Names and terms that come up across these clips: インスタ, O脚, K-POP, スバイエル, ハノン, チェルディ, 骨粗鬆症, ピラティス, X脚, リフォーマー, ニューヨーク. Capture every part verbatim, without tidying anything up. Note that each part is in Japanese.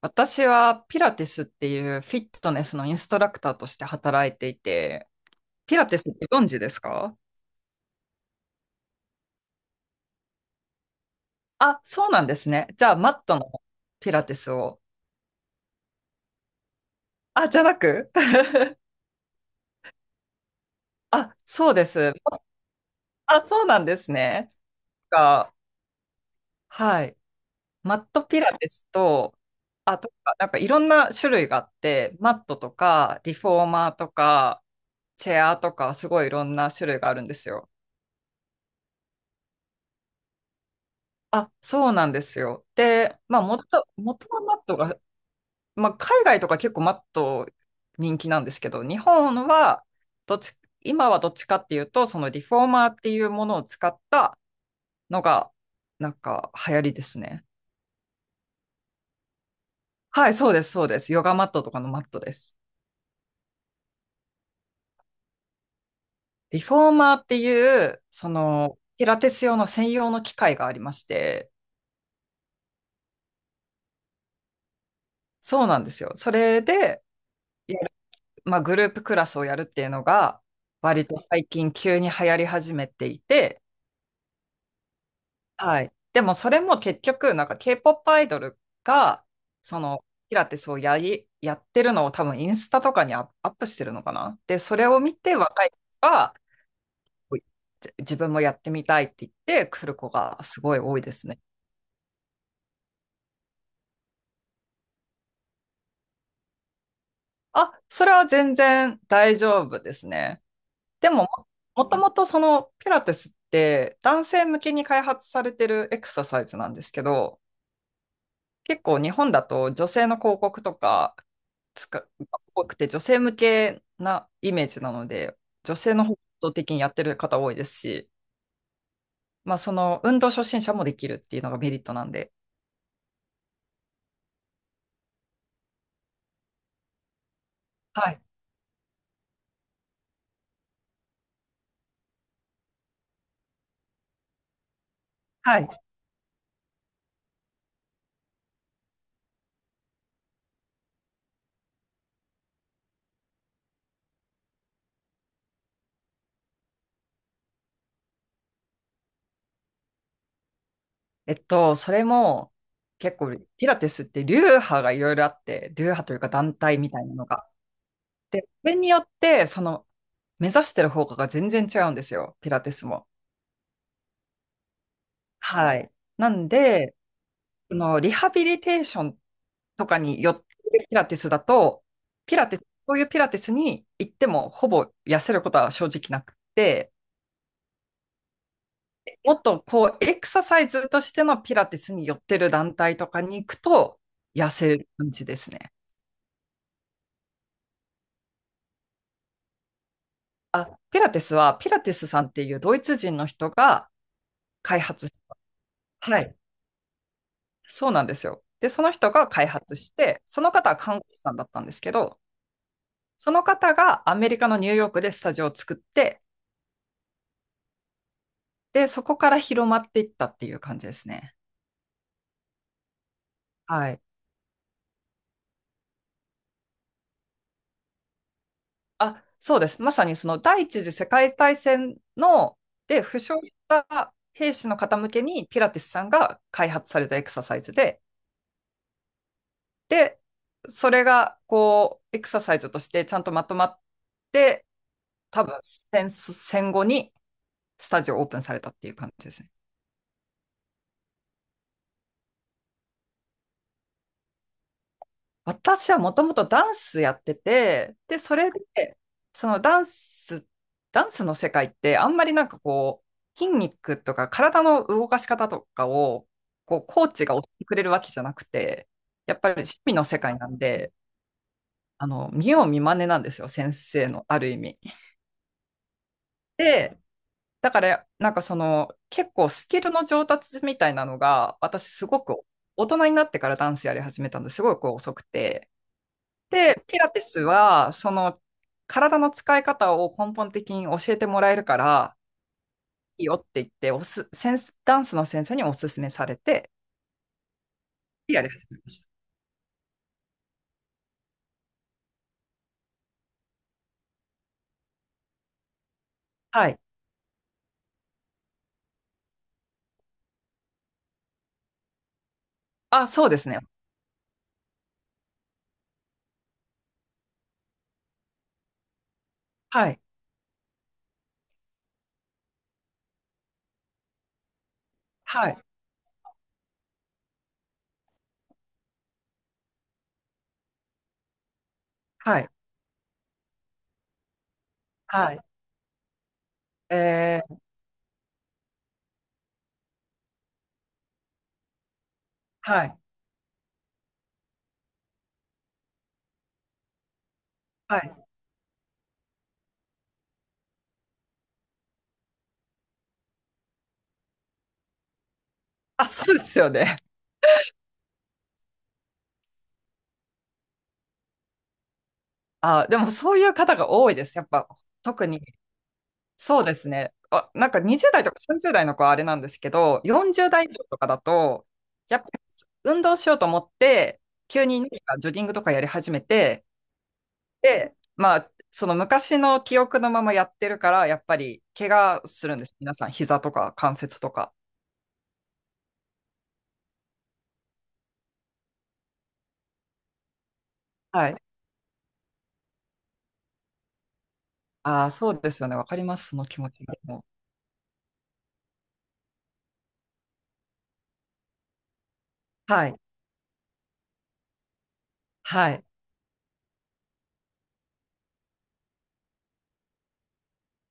私はピラティスっていうフィットネスのインストラクターとして働いていて、ピラティスってご存知ですか？あ、そうなんですね。じゃあ、マットのピラティスを。あ、じゃなく あ、そうです。あ、そうなんですね。が、はい。マットピラティスと、あとか、なんかいろんな種類があって、マットとか、リフォーマーとか、チェアとか、すごいいろんな種類があるんですよ。あ、そうなんですよ。で、まあ、元、元はマットが、まあ、海外とか結構マット人気なんですけど、日本はどっち、今はどっちかっていうと、そのリフォーマーっていうものを使ったのが、なんか流行りですね。はい、そうです、そうです。ヨガマットとかのマットです。リフォーマーっていう、その、ピラティス用の専用の機械がありまして、そうなんですよ。それで、やるまあ、グループクラスをやるっていうのが、割と最近急に流行り始めていて、はい。でもそれも結局、なんか K-ポップ アイドルが、その、ピラティスをやり、やってるのを多分インスタとかにアッアップしてるのかな。で、それを見て若い子が、じ自分もやってみたいって言って来る子がすごい多いですね。あ、それは全然大丈夫ですね。でも、ももともとそのピラティスって男性向けに開発されてるエクササイズなんですけど、結構日本だと女性の広告とか、つか多くて、女性向けなイメージなので、女性の方向的にやってる方多いですし、まあ、その運動初心者もできるっていうのがメリットなんで。はい。はい。えっと、それも結構、ピラティスって流派がいろいろあって、流派というか団体みたいなのが。で、それによって、その目指してる方向が全然違うんですよ、ピラティスも。はい。なんで、そのリハビリテーションとかに寄ってるピラティスだと、ピラティス、そういうピラティスに行ってもほぼ痩せることは正直なくて、もっとこうエクササイズとしてのピラティスに寄ってる団体とかに行くと痩せる感じですね。あ、ピラティスはピラティスさんっていうドイツ人の人が開発した。はい、そうなんですよ。で、その人が開発して、その方は看護師さんだったんですけど、その方がアメリカのニューヨークでスタジオを作って、で、そこから広まっていったっていう感じですね。はい。あ、そうです。まさにその第一次世界大戦の、で、負傷した兵士の方向けにピラティスさんが開発されたエクササイズで、で、それがこう、エクササイズとしてちゃんとまとまって、多分戦、戦後にスタジオをオープンされたっていう感じですね。私はもともとダンスやってて、で、それで、そのダンス、ダンスの世界ってあんまりなんかこう、筋肉とか体の動かし方とかを、こう、コーチが教えてくれるわけじゃなくて、やっぱり趣味の世界なんで、あの、見よう見まねなんですよ、先生の、ある意味。で、だから、なんかその、結構スキルの上達みたいなのが、私すごく大人になってからダンスやり始めたんですごいこう遅くて、で、ピラティスは、その、体の使い方を根本的に教えてもらえるから、いいよって言って、おす、先生ダンスの先生にお勧めされて、やり始めました。はい。あ、そうですね。はい。はい。はい。はい。えー、はい。はい。あ、そうですよね。あ、でもそういう方が多いです。やっぱ、特にそうですね。あ、なんかにじゅう代とかさんじゅう代の子はあれなんですけど、よんじゅう代以上とかだと、やっぱり運動しようと思って、急に何かジョギングとかやり始めて、で、まあ、その昔の記憶のままやってるから、やっぱり怪我するんです。皆さん、膝とか関節とか。はい。ああ、そうですよね。わかります。その気持ちがもう。はい。はい。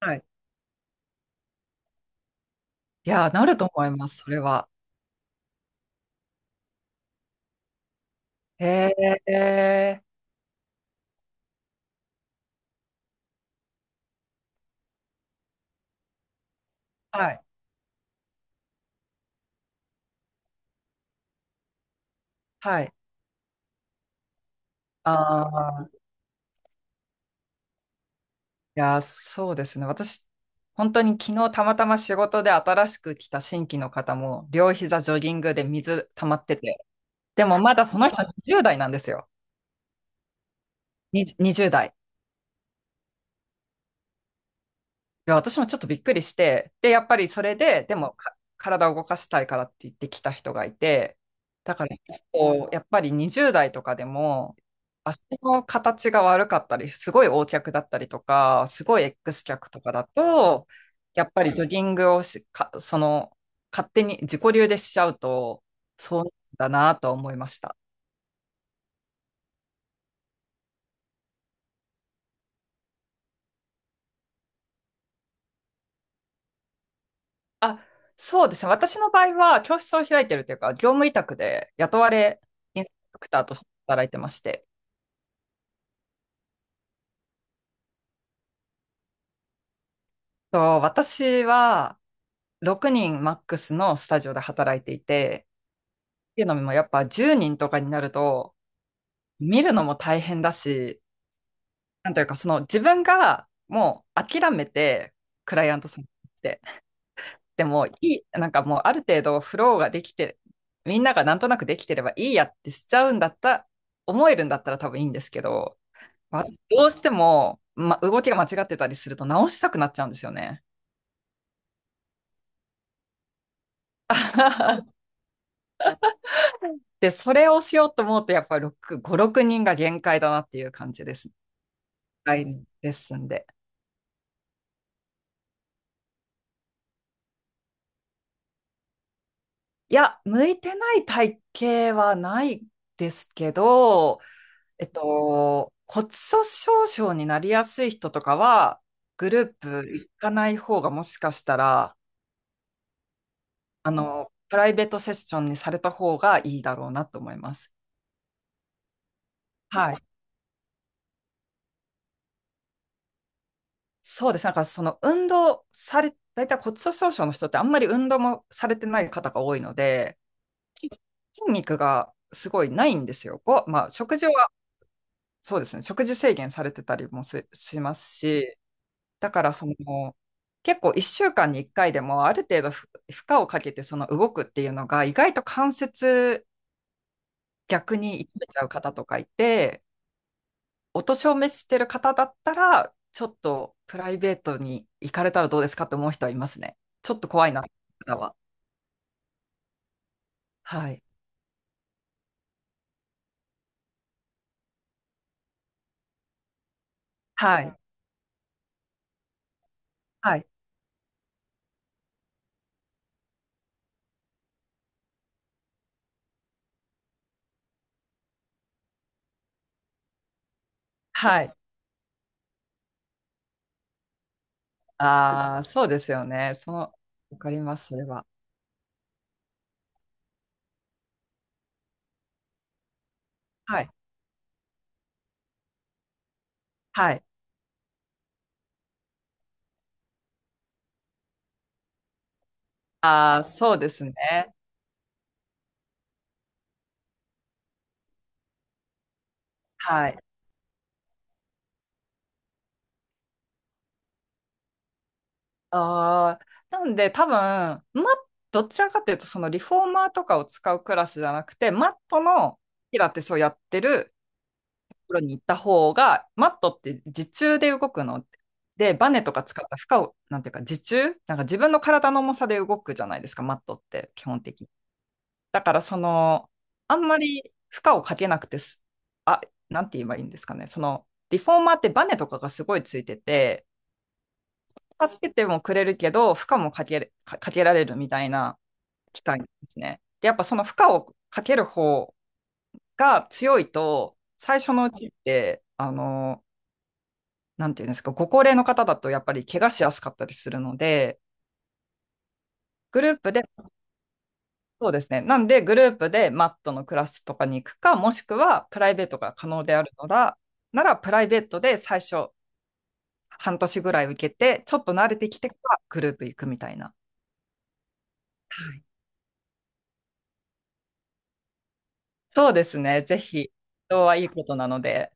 はい。いやー、なると思います。それは。へえー。はい。はい。ああ。いやー、そうですね。私、本当に昨日たまたま仕事で新しく来た新規の方も、両膝ジョギングで水溜まってて、でもまだその人にじゅう代なんですよ。にじにじゅう代。や、私もちょっとびっくりして、で、やっぱりそれで、でもか体を動かしたいからって言ってきた人がいて、だから結構、やっぱりにじゅう代とかでも、足の形が悪かったり、すごい O 脚だったりとか、すごい X 脚とかだと、やっぱりジョギングをし、か、その、勝手に自己流でしちゃうと、そうだなと思いました。そうですね。私の場合は、教室を開いてるというか、業務委託で雇われインストラクターとして働いてまして、と、私はろくにんマックスのスタジオで働いていて、っていうのもやっぱじゅうにんとかになると見るのも大変だし、なんというかその自分がもう諦めてクライアントさんに行って、でもいい、なんかもうある程度フローができて、みんながなんとなくできてればいいやってしちゃうんだった、思えるんだったら多分いいんですけど、まあどうしても、ま、動きが間違ってたりすると直したくなっちゃうんですよね。で、それをしようと思うと、やっぱりろく、ご、ろくにんが限界だなっていう感じです。はい。レッスンで。いや、向いてない体型はないですけど、えっと、骨粗鬆症になりやすい人とかは、グループ行かない方がもしかしたら、あの、プライベートセッションにされた方がいいだろうなと思います。はい。そうです。なんかその運動され、大体骨粗鬆症の人ってあんまり運動もされてない方が多いので、筋肉がすごいないんですよ。ご、まあ、食事は、そうですね、食事制限されてたりもすしますし、だからその、結構いっしゅうかんにいっかいでもある程度ふ負荷をかけてその動くっていうのが意外と関節逆に痛めちゃう方とかいて、お年を召してる方だったら、ちょっとプライベートに行かれたらどうですかって思う人はいますね。ちょっと怖いな、方は。はい。はい。はい。はい。ああ、そうですよね。その、わかります、それは。はい。はい。ああ、そうですね。はい。ああ、なんで多分、ま、どちらかというと、そのリフォーマーとかを使うクラスじゃなくて、マットのピラティスをやってるところに行った方が、マットって自重で動くの。で、バネとか使った負荷を、なんていうか、自重なんか自分の体の重さで動くじゃないですか、マットって基本的に。だからその、あんまり負荷をかけなくてす、あ、なんて言えばいいんですかね。その、リフォーマーってバネとかがすごいついてて、助けてもくれるけど、負荷もかける、か、かけられるみたいな機械なんですね。で、やっぱその負荷をかける方が強いと、最初のうちって、あの、なんていうんですか、ご高齢の方だとやっぱり怪我しやすかったりするので、グループでそうですね。なんで、グループでマットのクラスとかに行くか、もしくはプライベートが可能であるなら、ならプライベートで最初半年ぐらい受けて、ちょっと慣れてきてからグループ行くみたいな。はい。そうですね。ぜひ、人はいいことなので。